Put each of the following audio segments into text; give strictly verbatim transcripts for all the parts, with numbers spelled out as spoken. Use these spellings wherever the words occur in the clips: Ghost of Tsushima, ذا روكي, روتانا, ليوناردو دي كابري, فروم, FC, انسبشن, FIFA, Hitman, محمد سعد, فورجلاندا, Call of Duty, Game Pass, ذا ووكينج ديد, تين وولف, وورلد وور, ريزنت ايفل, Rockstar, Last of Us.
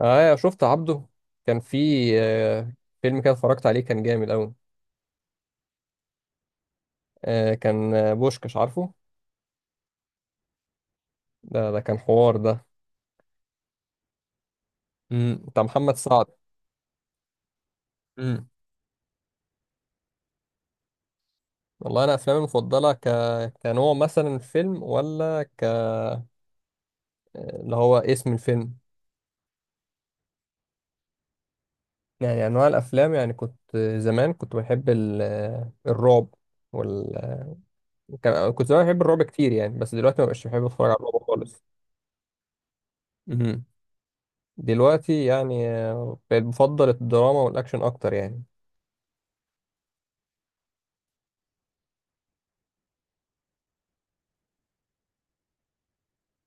اه شفت عبده كان في آه، فيلم كده اتفرجت عليه كان جامد قوي. آه كان آه، بوشكش عارفه. ده ده كان حوار ده. امم بتاع محمد سعد. امم. والله انا افلامي المفضله ك... كنوع مثلا الفيلم ولا ك اللي هو اسم الفيلم. يعني انواع الافلام يعني كنت زمان كنت بحب ال... آه، الرعب وال... كان- كنت زمان بحب الرعب كتير يعني، بس دلوقتي ما بقتش بحب اتفرج على الرعب خالص. امم. دلوقتي يعني آه، بقيت بفضل الدراما والاكشن اكتر يعني.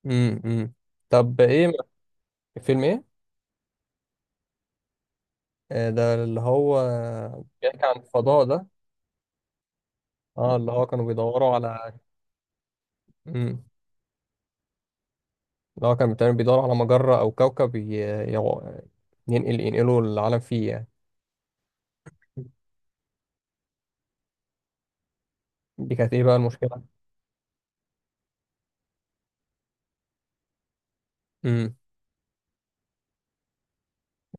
امم امم. طب ايه فيلم ايه؟ آه، ده اللي هو بيحكي عن الفضاء ده. اه اللي هو كانوا بيدوروا على امم اللي هو كانوا بتقريباً بيدوروا على مجرة او كوكب ي... يو- ينقل ينقلوا العالم فيه يعني. دي كانت ايه بقى المشكلة؟ امم.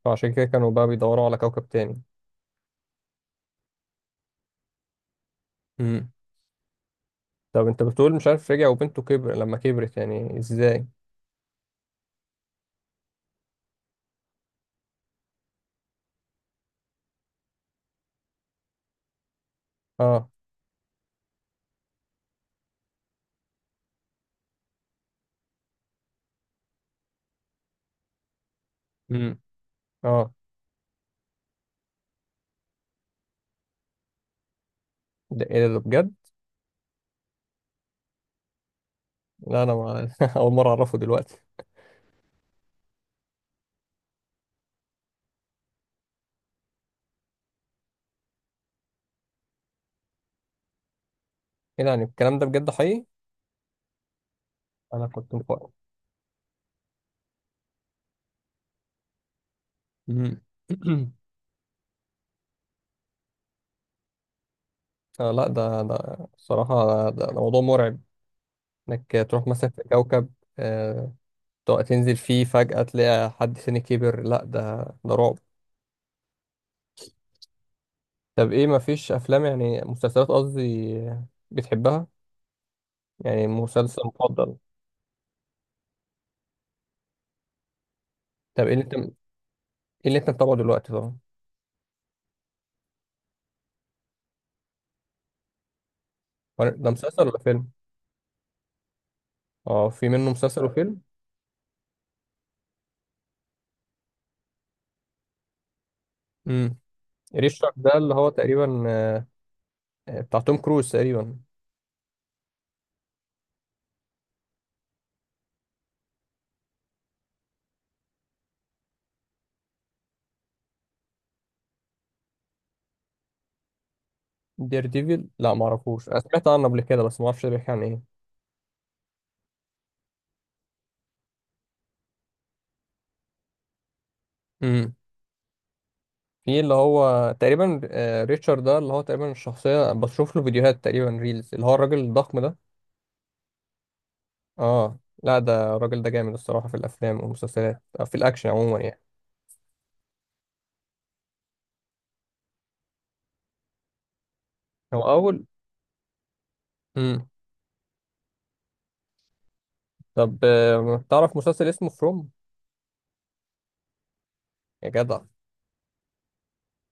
فعشان كده كانوا بقى بيدوروا على كوكب تاني. امم. طب انت بتقول مش عارف رجع وبنته كبر لما كبرت يعني ازاي؟ اه. امم. اه. ده ايه ده بجد؟ لا انا ما... اول مرة اعرفه دلوقتي. ايه ده يعني الكلام ده بجد حقيقي؟ انا كنت مفكر. مم. آه، لا ده ده الصراحة ده, ده موضوع مرعب. انك تروح مثلا في كوكب آه تق- تنزل فيه فجأة تلاقي حد تاني كبر. لا ده ده رعب. طب ايه مفيش افلام، يعني مسلسلات قصدي، بتحبها؟ يعني مسلسل مفضل. طب ايه اللي انت ايه اللي انت متابعه دلوقتي طبعا؟ هو ده مسلسل ولا فيلم؟ اه في منه مسلسل وفيلم. امم. ريش ده اللي هو تقريبا آه، آه، بتاع توم كروز تقريبا. دير ديفيل لا معرفوش، انا سمعت عنه قبل كده بس معرفش ده بيحكي عن ايه. في اللي هو تقريبا آه، ريتشارد ده اللي هو تقريبا الشخصية، بشوف له فيديوهات تقريبا ريلز اللي هو الراجل الضخم ده. اه لا ده الراجل ده جامد الصراحة، في الأفلام والمسلسلات أو في الأكشن عموما يعني. هو أول. مم. طب آه، تعرف مسلسل اسمه فروم؟ يا جدع،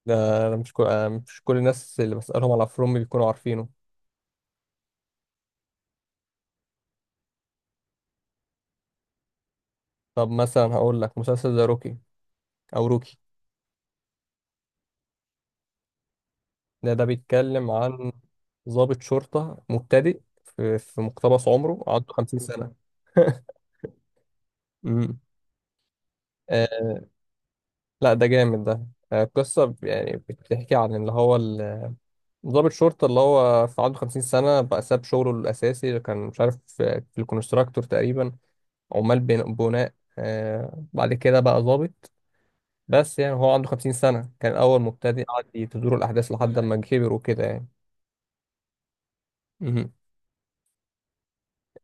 ده أنا مش كل... آه، مش كل الناس اللي بسألهم على فروم بيكونوا عارفينه. طب مثلا هقول لك مسلسل ذا روكي أو روكي. ده ده بيتكلم عن ضابط شرطة مبتدئ في, في مقتبس عمره عنده 50 سنة. مم. آه، لا ده جامد ده. آه، قصة ب- يعني بتحكي عن اللي هو ال- ضابط شرطة اللي هو في عنده خمسين سنة، بقى ساب شغله الأساسي اللي كان مش عارف في في الكونستراكتور تقريبا، عمال بن- بناء. آه، بعد كده بقى ضابط. بس يعني هو عنده خمسين سنة كان أول مبتدئ، قعد تدور الأحداث لحد ما كبر وكده يعني. مهم.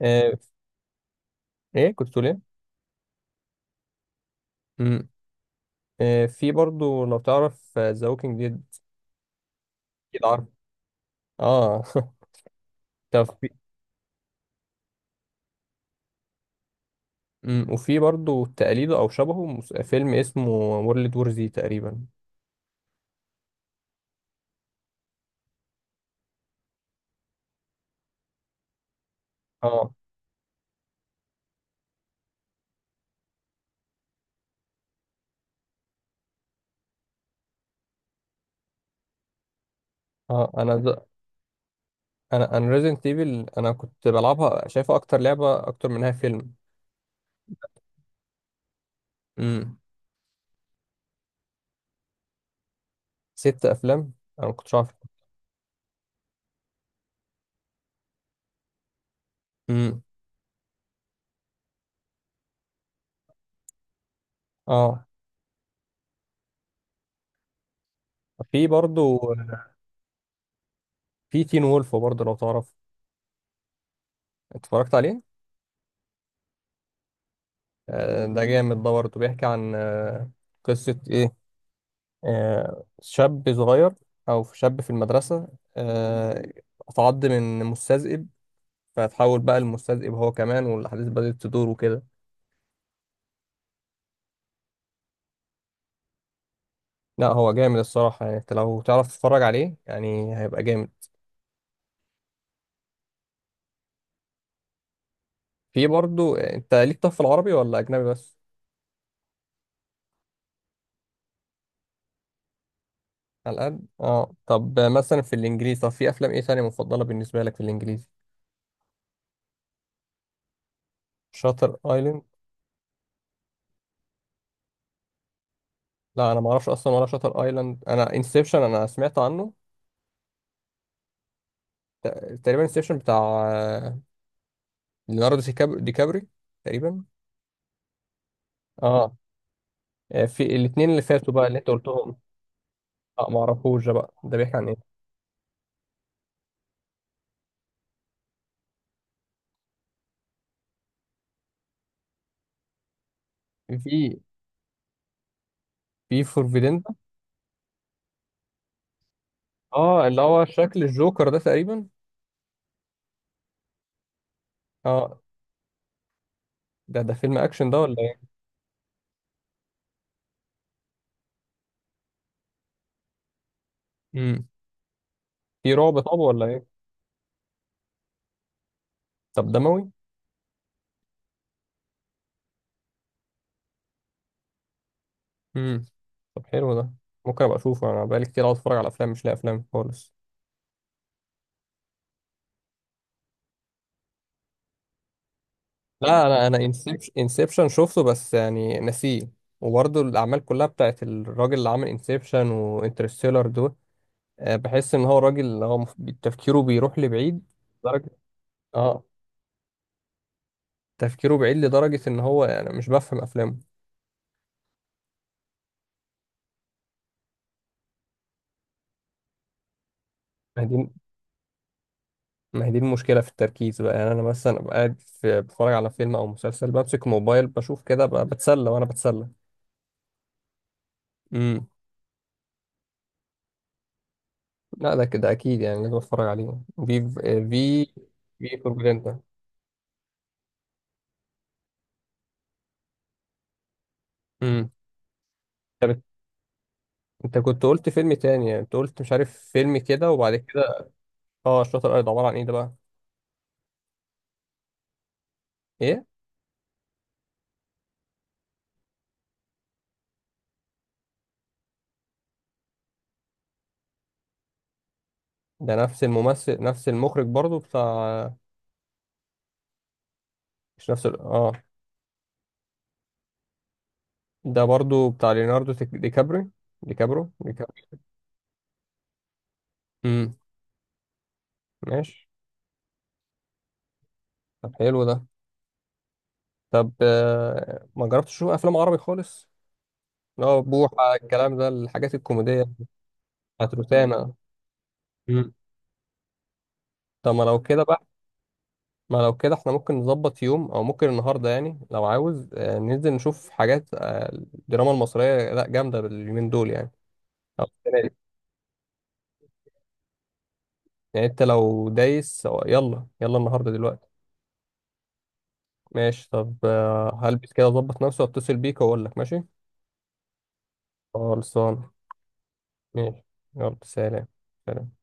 آه، إيه كنت تقول إيه؟ مهم. آه، في برضو لو تعرف ذا ووكينج ديد؟ أكيد عارف. آه. طب، أمم، وفي برضو تقليده او شبهه مس- فيلم اسمه وورلد وور زي تقريبا. اه. اه انا ده. انا انا ريزنت ايفل انا كنت بلعبها، شايفها اكتر لعبه اكتر منها فيلم. امم. ست افلام، انا ما كنتش عارف. امم. اه. في برضو في تين وولف برضو لو تعرف؟ اتفرجت عليه. آه ده جامد ده برضو، بيحكي عن آه قصه ايه، آه شاب صغير او شاب في المدرسه، آه اتعض من مستذئب، فتحول بقى المستذئب هو كمان والاحداث بدأت تدور وكده. لا هو جامد الصراحة، يعني انت لو تعرف تتفرج عليه يعني هيبقى جامد. في برضو انت ليك، طب في العربي ولا اجنبي بس؟ على قد اه. طب مثلا في الانجليزي، طب في افلام ايه تانية مفضلة بالنسبة لك في الانجليزي؟ شاتر ايلاند. لا انا ما اعرفش اصلا، ولا شاتر ايلاند، انا انسبشن انا سمعت عنه. ت- تقريبا انسبشن بتاع آه، ليوناردو دي كاب- دي كابري تقريبا. اه. آه، في الاثنين اللي فاتوا بقى اللي انت قلتهم. اه ما اعرفوش ده بقى، ده بيحكي عن ايه؟ في في فور فيدندا. اه اللي هو شكل الجوكر ده تقريبا. اه ده ده فيلم اكشن ده ولا ايه؟ امم في رعب طب ولا ايه؟ طب دموي؟ امم طب حلو ده. ممكن ابقى اشوفه، انا بقالي كتير قاعد اتفرج على افلام مش لاقي افلام خالص. لا انا انا انسبشن انسبشن شفته بس يعني نسيه. وبرضه الاعمال كلها بتاعت الراجل اللي عامل انسبشن وانترستيلر دول، آه، بحس ان هو راجل اللي هو مف- تفكيره بيروح لبعيد لدرجه. اه. تفكيره بعيد لدرجه ان هو يعني مش بفهم افلامه دي. ما هي دي المشكلة في التركيز بقى، يعني أنا مثلا أبقى قاعد في بتفرج على فيلم أو مسلسل بمسك موبايل بشوف كده ب- بتسلى وأنا بتسلى. امم لا ده كده أكيد يعني لازم أتفرج عليه. في في في فورجلاندا. امم طب أنت كنت قلت فيلم تاني، يعني أنت قلت مش عارف فيلم كده وبعد كده. أه الشاطر الأرض عبارة عن إيه ده بقى؟ إيه؟ ده نفس الممثل نفس المخرج برضو بتاع. مش نفس ال... أه. ده برضو بتاع ليوناردو دي كابري دي كابرو دي كابرو. امم ماشي. طب حلو ده. طب آه، ما جربتش تشوف افلام عربي خالص، اللي هو بوحة، الكلام ده الحاجات الكوميدية بتاعت روتانا؟ مم. طب ما لو كده بقى ما لو كده احنا ممكن نظبط يوم او ممكن النهارده، يعني لو عاوز آه، ننزل نشوف حاجات آه، الدراما المصرية لا جامدة باليومين دول يعني، أو السنة دي. يعني انت لو دايس أو- يلا يلا النهارده دلوقتي. ماشي طب آه، هلبس كده، اظبط نفسي واتصل بيك واقول لك ماشي. خلصان ماشي. يلا سلام. سلام.